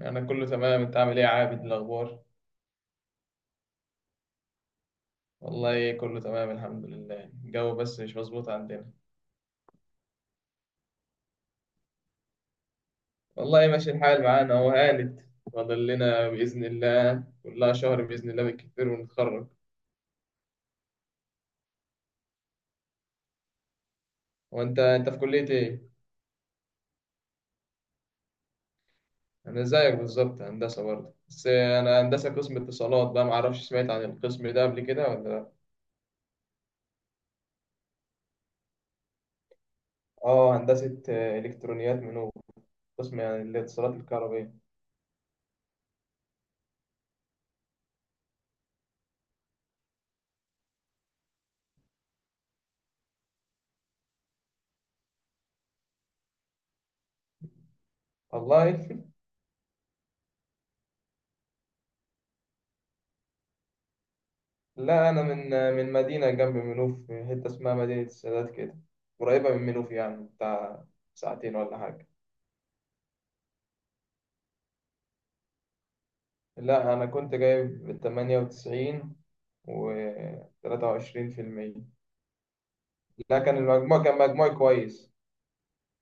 أنا كله تمام. أنت عامل إيه يا عابد، الأخبار؟ والله كله تمام الحمد لله، الجو بس مش مظبوط عندنا. والله ماشي الحال معانا، هو هانت. فاضل لنا بإذن الله كلها شهر بإذن الله بالكتير ونتخرج. وأنت أنت في كلية إيه؟ أنا زيك بالظبط، هندسة برضه، بس أنا هندسة قسم اتصالات بقى. معرفش سمعت عن القسم ده قبل كده ولا لأ؟ آه هندسة، إلكترونيات منوب، قسم يعني الاتصالات الكهربائية. والله لا أنا من مدينة جنب منوف، حتة اسمها مدينة السادات كده، قريبة من منوف يعني، بتاع ساعتين ولا حاجة. لا أنا كنت جايب 98 وتلاتة وعشرين في المية. لا كان المجموع، كان مجموعي كويس،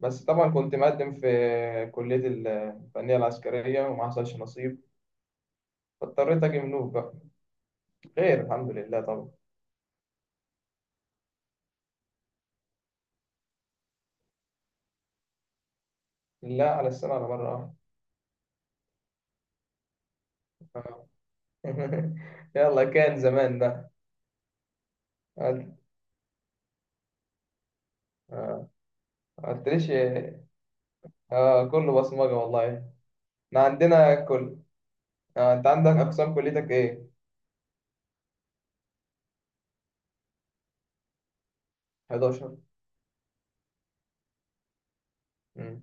بس طبعا كنت مقدم في كلية الفنية العسكرية وما حصلش نصيب، فاضطريت أجي منوف بقى. خير الحمد لله طبعا. لا، على السنة، على مرة واحدة. يلا، كان زمان بقى. ما قلتليش. اه كله بصمجة والله. احنا عندنا كل، انت عندك اقسام كليتك ايه؟ 11. مم.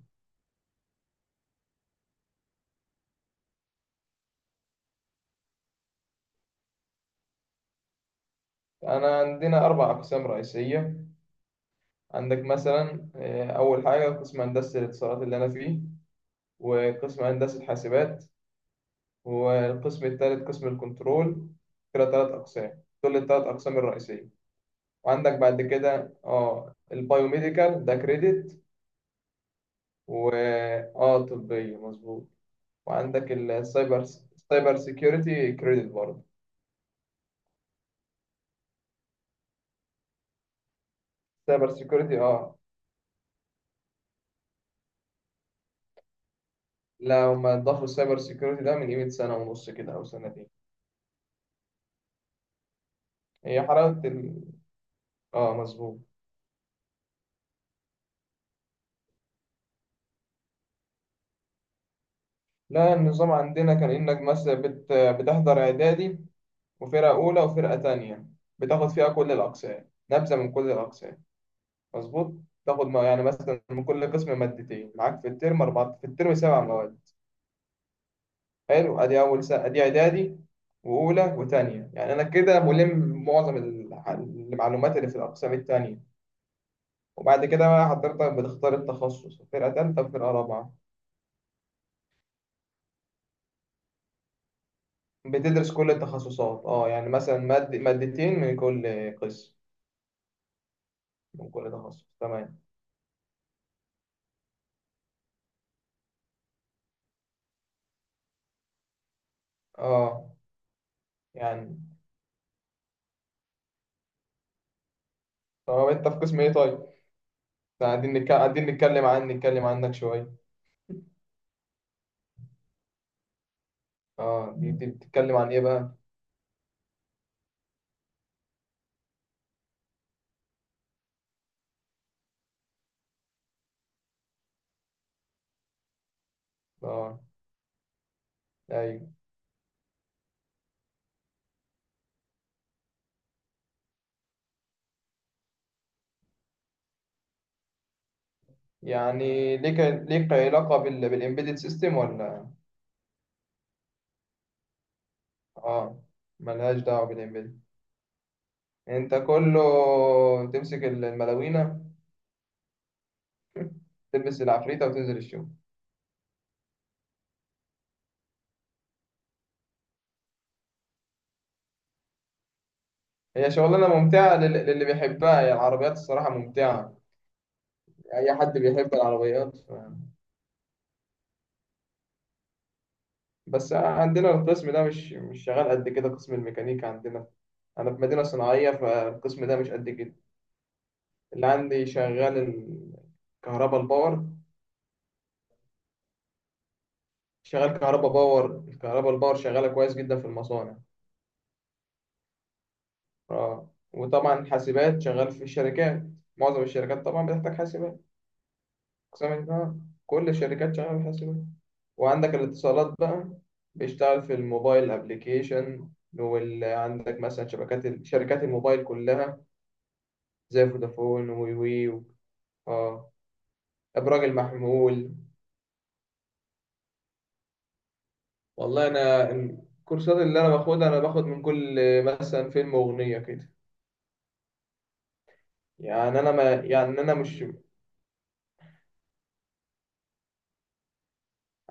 انا عندنا اربع اقسام رئيسية. عندك مثلا اول حاجة قسم هندسة الاتصالات اللي انا فيه، وقسم هندسة حاسبات، والقسم الثالث قسم الكنترول. كده ثلاث اقسام، دول الثلاث اقسام الرئيسية. وعندك بعد كده اه البايوميديكال، ده كريدت، و اه طبية، مظبوط. وعندك السايبر، سايبر سيكيورتي، كريدت برضه. سايبر سيكيورتي اه. لا هما ضافوا السايبر سيكيورتي ده من قيمة سنة ونص كده أو سنتين. هي حلاوة ال... اه مظبوط. لا النظام عندنا كان إنك مثلا بتحضر إعدادي، وفرقة أولى وفرقة تانية، بتاخد فيها كل الأقسام، نبذة من كل الأقسام، مظبوط. تاخد ما يعني مثلا من كل قسم مادتين، معاك في الترم أربعة، في الترم 7 مواد. حلو. أدي أول سنة، أدي إعدادي وأولى وتانية، يعني أنا كده ملم معظم المعلومات اللي في الأقسام التانية. وبعد كده بقى حضرتك بتختار التخصص، فرقة تالتة وفرقة رابعة. بتدرس كل التخصصات اه، يعني مثلا مادة مادتين من كل قسم، من كل تخصص، تمام. اه يعني. طب انت في قسم ايه طيب؟ إحنا قاعدين نتكلم عنك شوية. اه دي بتتكلم عن ايه بقى؟ اه ايوه يعني. ليك علاقة بال... بالامبيدد سيستم ولا؟ اه، ملهاش دعوة بالامبيدد. انت كله تمسك الملاوينة، تلبس العفريتة وتنزل الشغل. هي شغلانة ممتعة للي بيحبها، هي العربيات الصراحة ممتعة. أي حد بيحب العربيات ف... بس عندنا القسم ده مش شغال قد كده، قسم الميكانيكا عندنا. أنا في مدينة صناعية، فالقسم ده مش قد كده اللي عندي شغال. الكهرباء الباور، شغال كهرباء باور. الكهرباء الباور شغالة كويس جدا في المصانع. اه وطبعا حاسبات شغال في الشركات، معظم الشركات طبعا بتحتاج حاسبات. اقسام اه، كل الشركات شغاله بالحاسبات. وعندك الاتصالات بقى، بيشتغل في الموبايل ابلكيشن، وعندك مثلا شبكات شركات الموبايل كلها، زي فودافون ووي اه، ابراج المحمول. والله انا الكورسات اللي انا باخدها، انا باخد من كل، مثلا فيلم واغنيه كده. يعني انا ما يعني انا مش،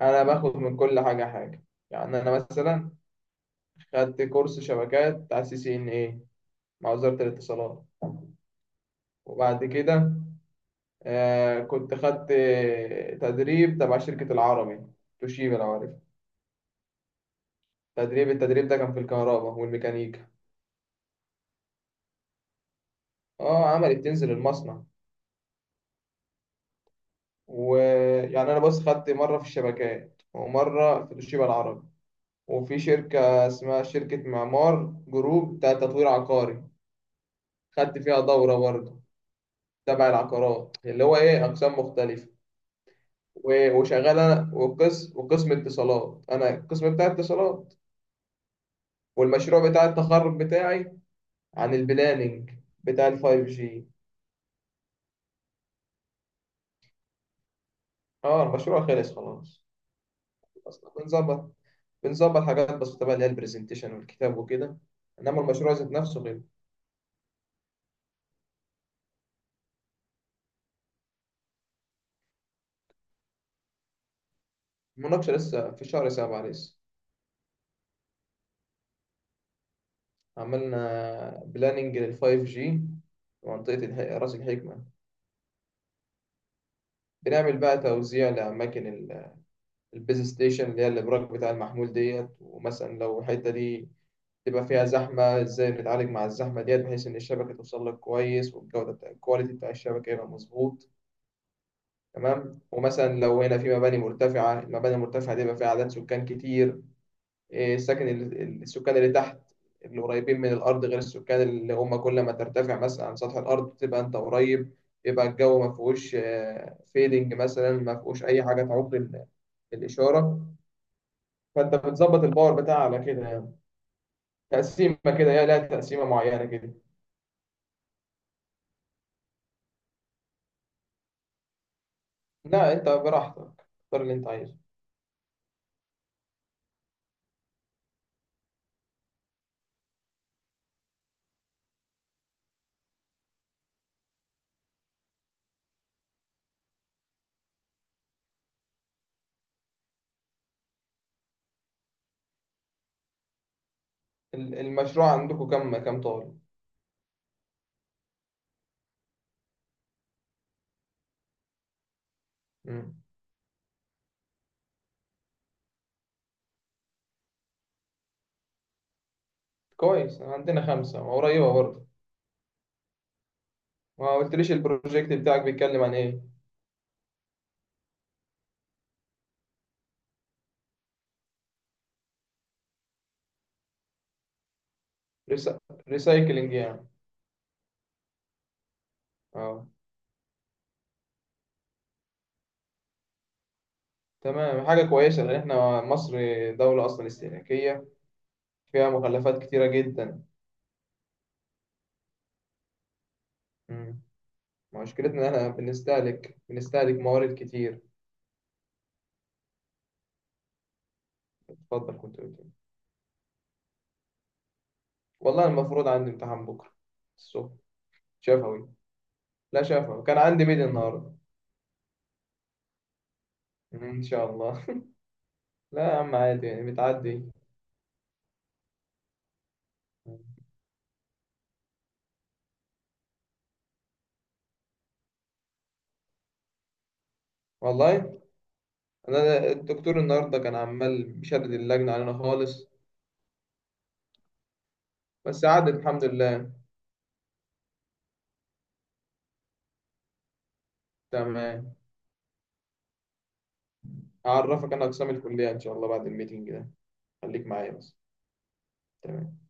انا باخد من كل حاجه حاجه. يعني انا مثلا خدت كورس شبكات على سي سي ان اي، مع وزاره الاتصالات. وبعد كده آه كنت خدت تدريب تبع شركة العربي توشيبا، لو عارف. تدريب، التدريب ده كان في الكهرباء والميكانيكا. اه عملي، بتنزل المصنع. ويعني انا بس خدت مرة في الشبكات ومرة في توشيبا العربي، وفي شركة اسمها شركة معمار جروب بتاع تطوير عقاري، خدت فيها دورة برضه تبع العقارات اللي هو ايه، اقسام مختلفة. و- وشغال انا، وقسم، وقسم اتصالات، انا القسم بتاع اتصالات. والمشروع بتاع التخرج بتاعي عن البلاننج بتاع الفايف جي. اه المشروع خلص خلاص، اصلا بنظبط حاجات بسيطه بقى اللي هي البرزنتيشن والكتاب وكده، انما المشروع ذات نفسه غير. المناقشه لسه في شهر 7 لسه. عملنا بلاننج للفايف جي منطقة رأس الحكمة. بنعمل بقى توزيع لأماكن البيز ستيشن اللي هي الإبراج بتاع المحمول ديت. ومثلا لو الحتة دي تبقى فيها زحمة، إزاي نتعالج مع الزحمة ديت بحيث إن الشبكة توصل لك كويس، والجودة بتاع الكواليتي بتاع الشبكة يبقى مظبوط. تمام. ومثلا لو هنا في مباني مرتفعة، المباني المرتفعة دي بيبقى فيها عدد سكان كتير. إيه، السكن السكان اللي تحت، اللي قريبين من الأرض، غير السكان اللي هم كل ما ترتفع مثلا عن سطح الأرض تبقى أنت قريب، يبقى الجو ما فيهوش فيدنج مثلا، ما فيهوش أي حاجة تعوق الإشارة. فأنت بتظبط الباور بتاعها على كده يعني، تقسيمة كده، هي لها تقسيمة معينة كده. لا أنت براحتك، اختار اللي أنت عايزه. المشروع عندكم كم، كم طالب؟ مم. كويس، عندنا خمسة قريبة برضه. ما قلتليش البروجكت بتاعك بيتكلم عن ايه. ريسا... ريسايكلينج يعني. اه تمام، حاجة كويسة، لأن احنا مصر دولة أصلا استهلاكية، فيها مخلفات كتيرة جدا. مم. مشكلتنا إن احنا بنستهلك موارد كتير. اتفضل، كنت قلت إيه؟ والله المفروض عندي امتحان بكرة الصبح، شفوي. لا شفوي، كان عندي ميد النهاردة. مم، إن شاء الله. لا يا عم عادي يعني، بتعدي. والله أنا الدكتور النهاردة كان عمال بيشدد اللجنة علينا خالص، بس عدت الحمد لله. تمام. هعرفك انا اقسام الكليه ان شاء الله بعد الميتنج ده. خليك معايا بس. تمام.